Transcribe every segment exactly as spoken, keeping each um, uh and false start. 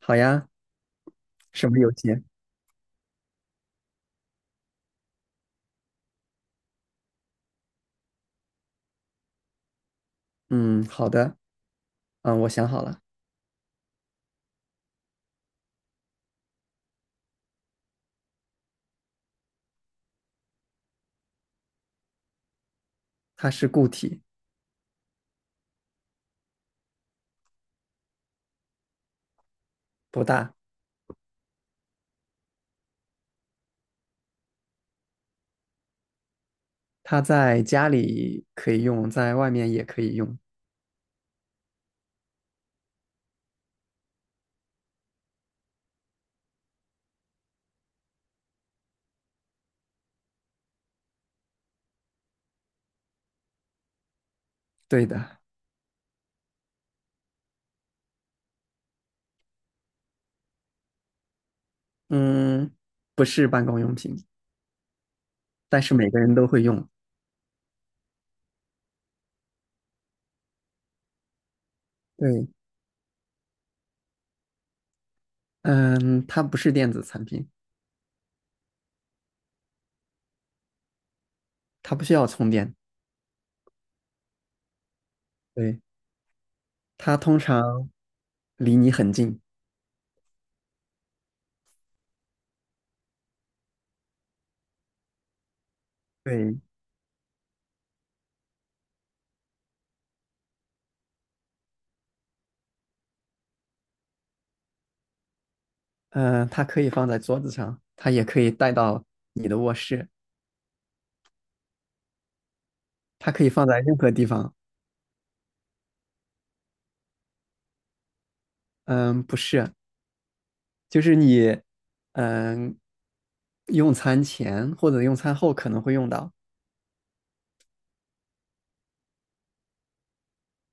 好呀，什么游戏？嗯，好的。嗯，我想好了。它是固体。不大。它在家里可以用，在外面也可以用。对的。嗯，不是办公用品，但是每个人都会用。对。嗯，它不是电子产品，它不需要充电。对，它通常离你很近。对。嗯，它可以放在桌子上，它也可以带到你的卧室，它可以放在任何地方。嗯，不是，就是你，嗯，用餐前或者用餐后可能会用到。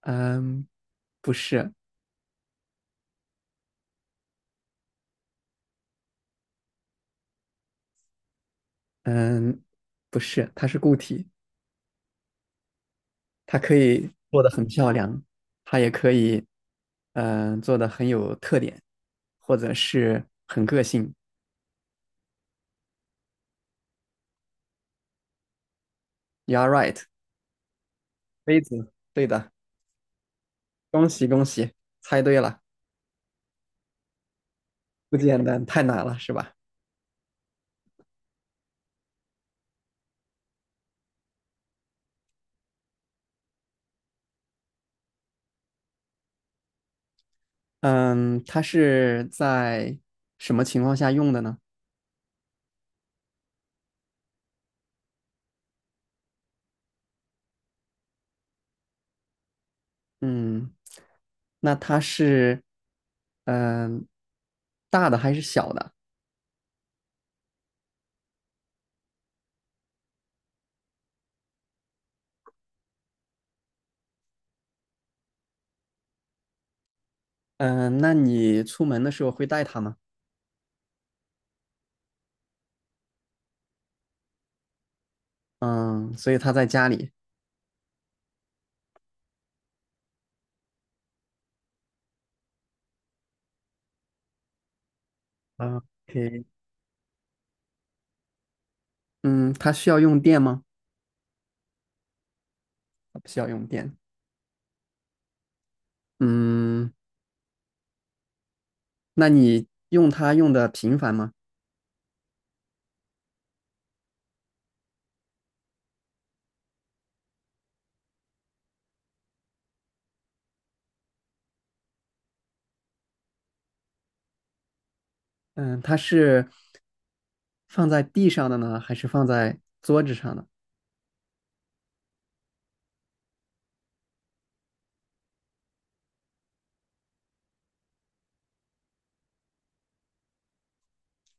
嗯，不是。嗯，不是，它是固体，它可以做的很漂亮，它也可以，嗯，做的很有特点，或者是很个性。You're a right，杯子，对的，恭喜恭喜，猜对了。不简单，太难了，是吧？嗯，它是在什么情况下用的呢？嗯，那它是嗯、大的还是小的？嗯、那你出门的时候会带它吗？嗯，所以它在家里。o k 嗯，它需要用电吗？它不需要用电。嗯，那你用它用的频繁吗？嗯，它是放在地上的呢，还是放在桌子上的？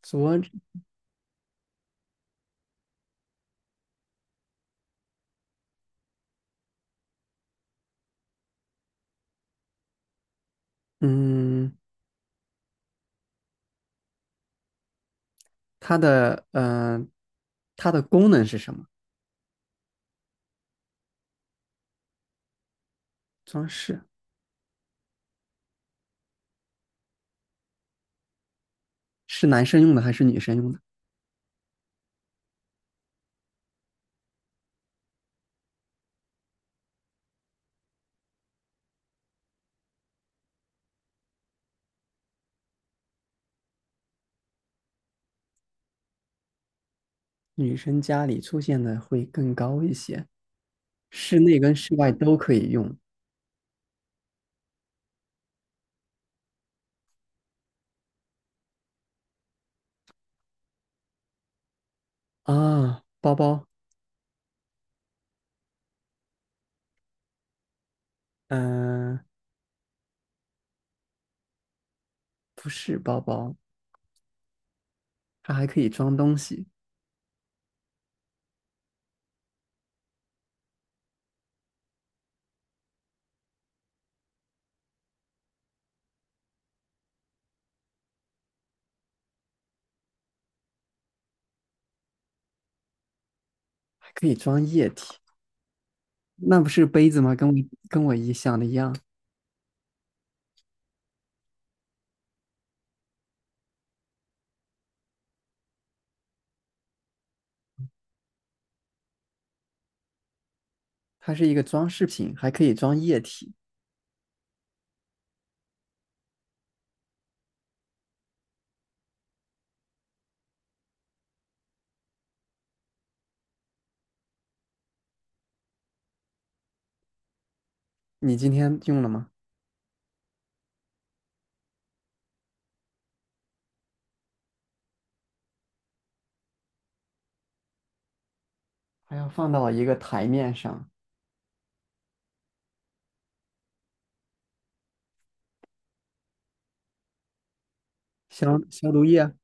桌子。嗯，它的嗯、呃它的功能是什么？装饰。是男生用的还是女生用的？女生家里出现的会更高一些。室内跟室外都可以用啊。包包，嗯、不是包包，它还可以装东西，还可以装液体。那不是杯子吗？跟我跟我一想的一样。它是一个装饰品，还可以装液体。你今天用了吗？还要放到一个台面上消消毒液。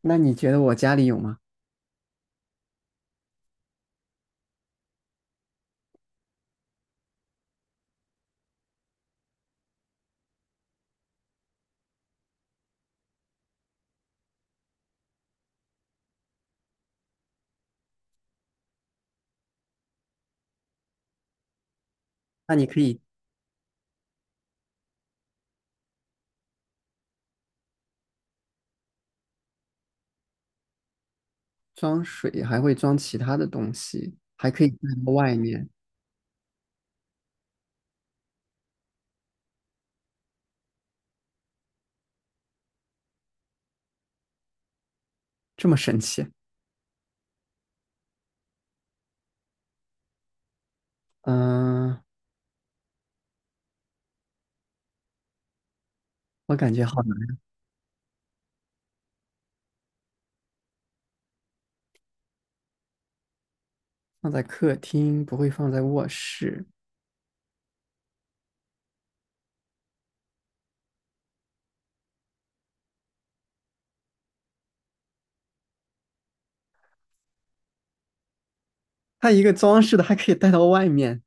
那你觉得我家里有吗？那你可以装水还会装其他的东西，还可以带到外面，这么神奇？嗯，我感觉好难。放在客厅不会放在卧室。它一个装饰的还可以带到外面，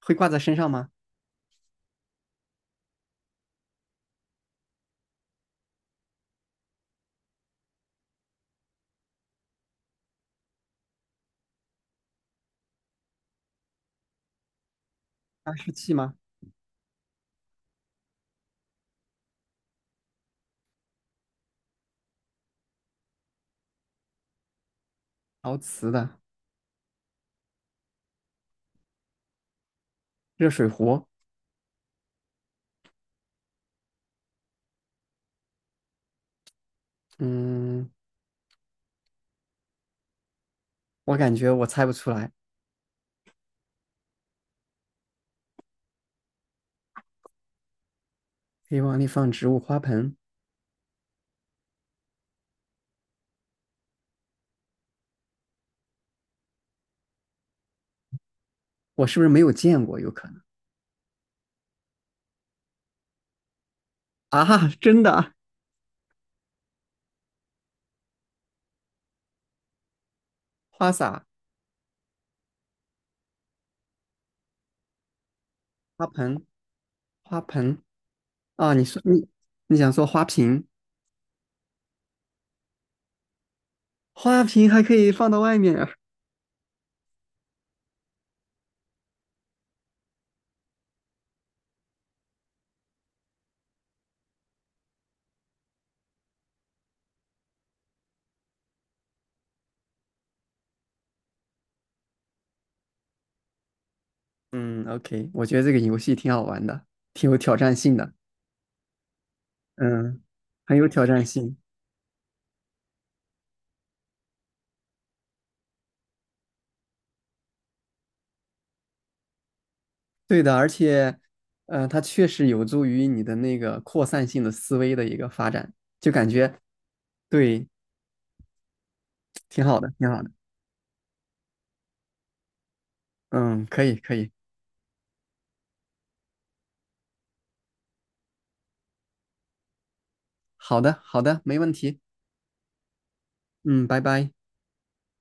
会挂在身上吗？加湿器吗？陶瓷的热水壶？嗯，我感觉我猜不出来。可以往里放植物花盆。我是不是没有见过？有可能啊，真的啊？花洒、花盆、花盆啊？你说你你想说花瓶？花瓶还可以放到外面啊。嗯，OK，我觉得这个游戏挺好玩的，挺有挑战性的。嗯，很有挑战性。对的，而且，呃，它确实有助于你的那个扩散性的思维的一个发展，就感觉，对，挺好的，挺好的。嗯，可以，可以。好的，好的，没问题。嗯，拜拜。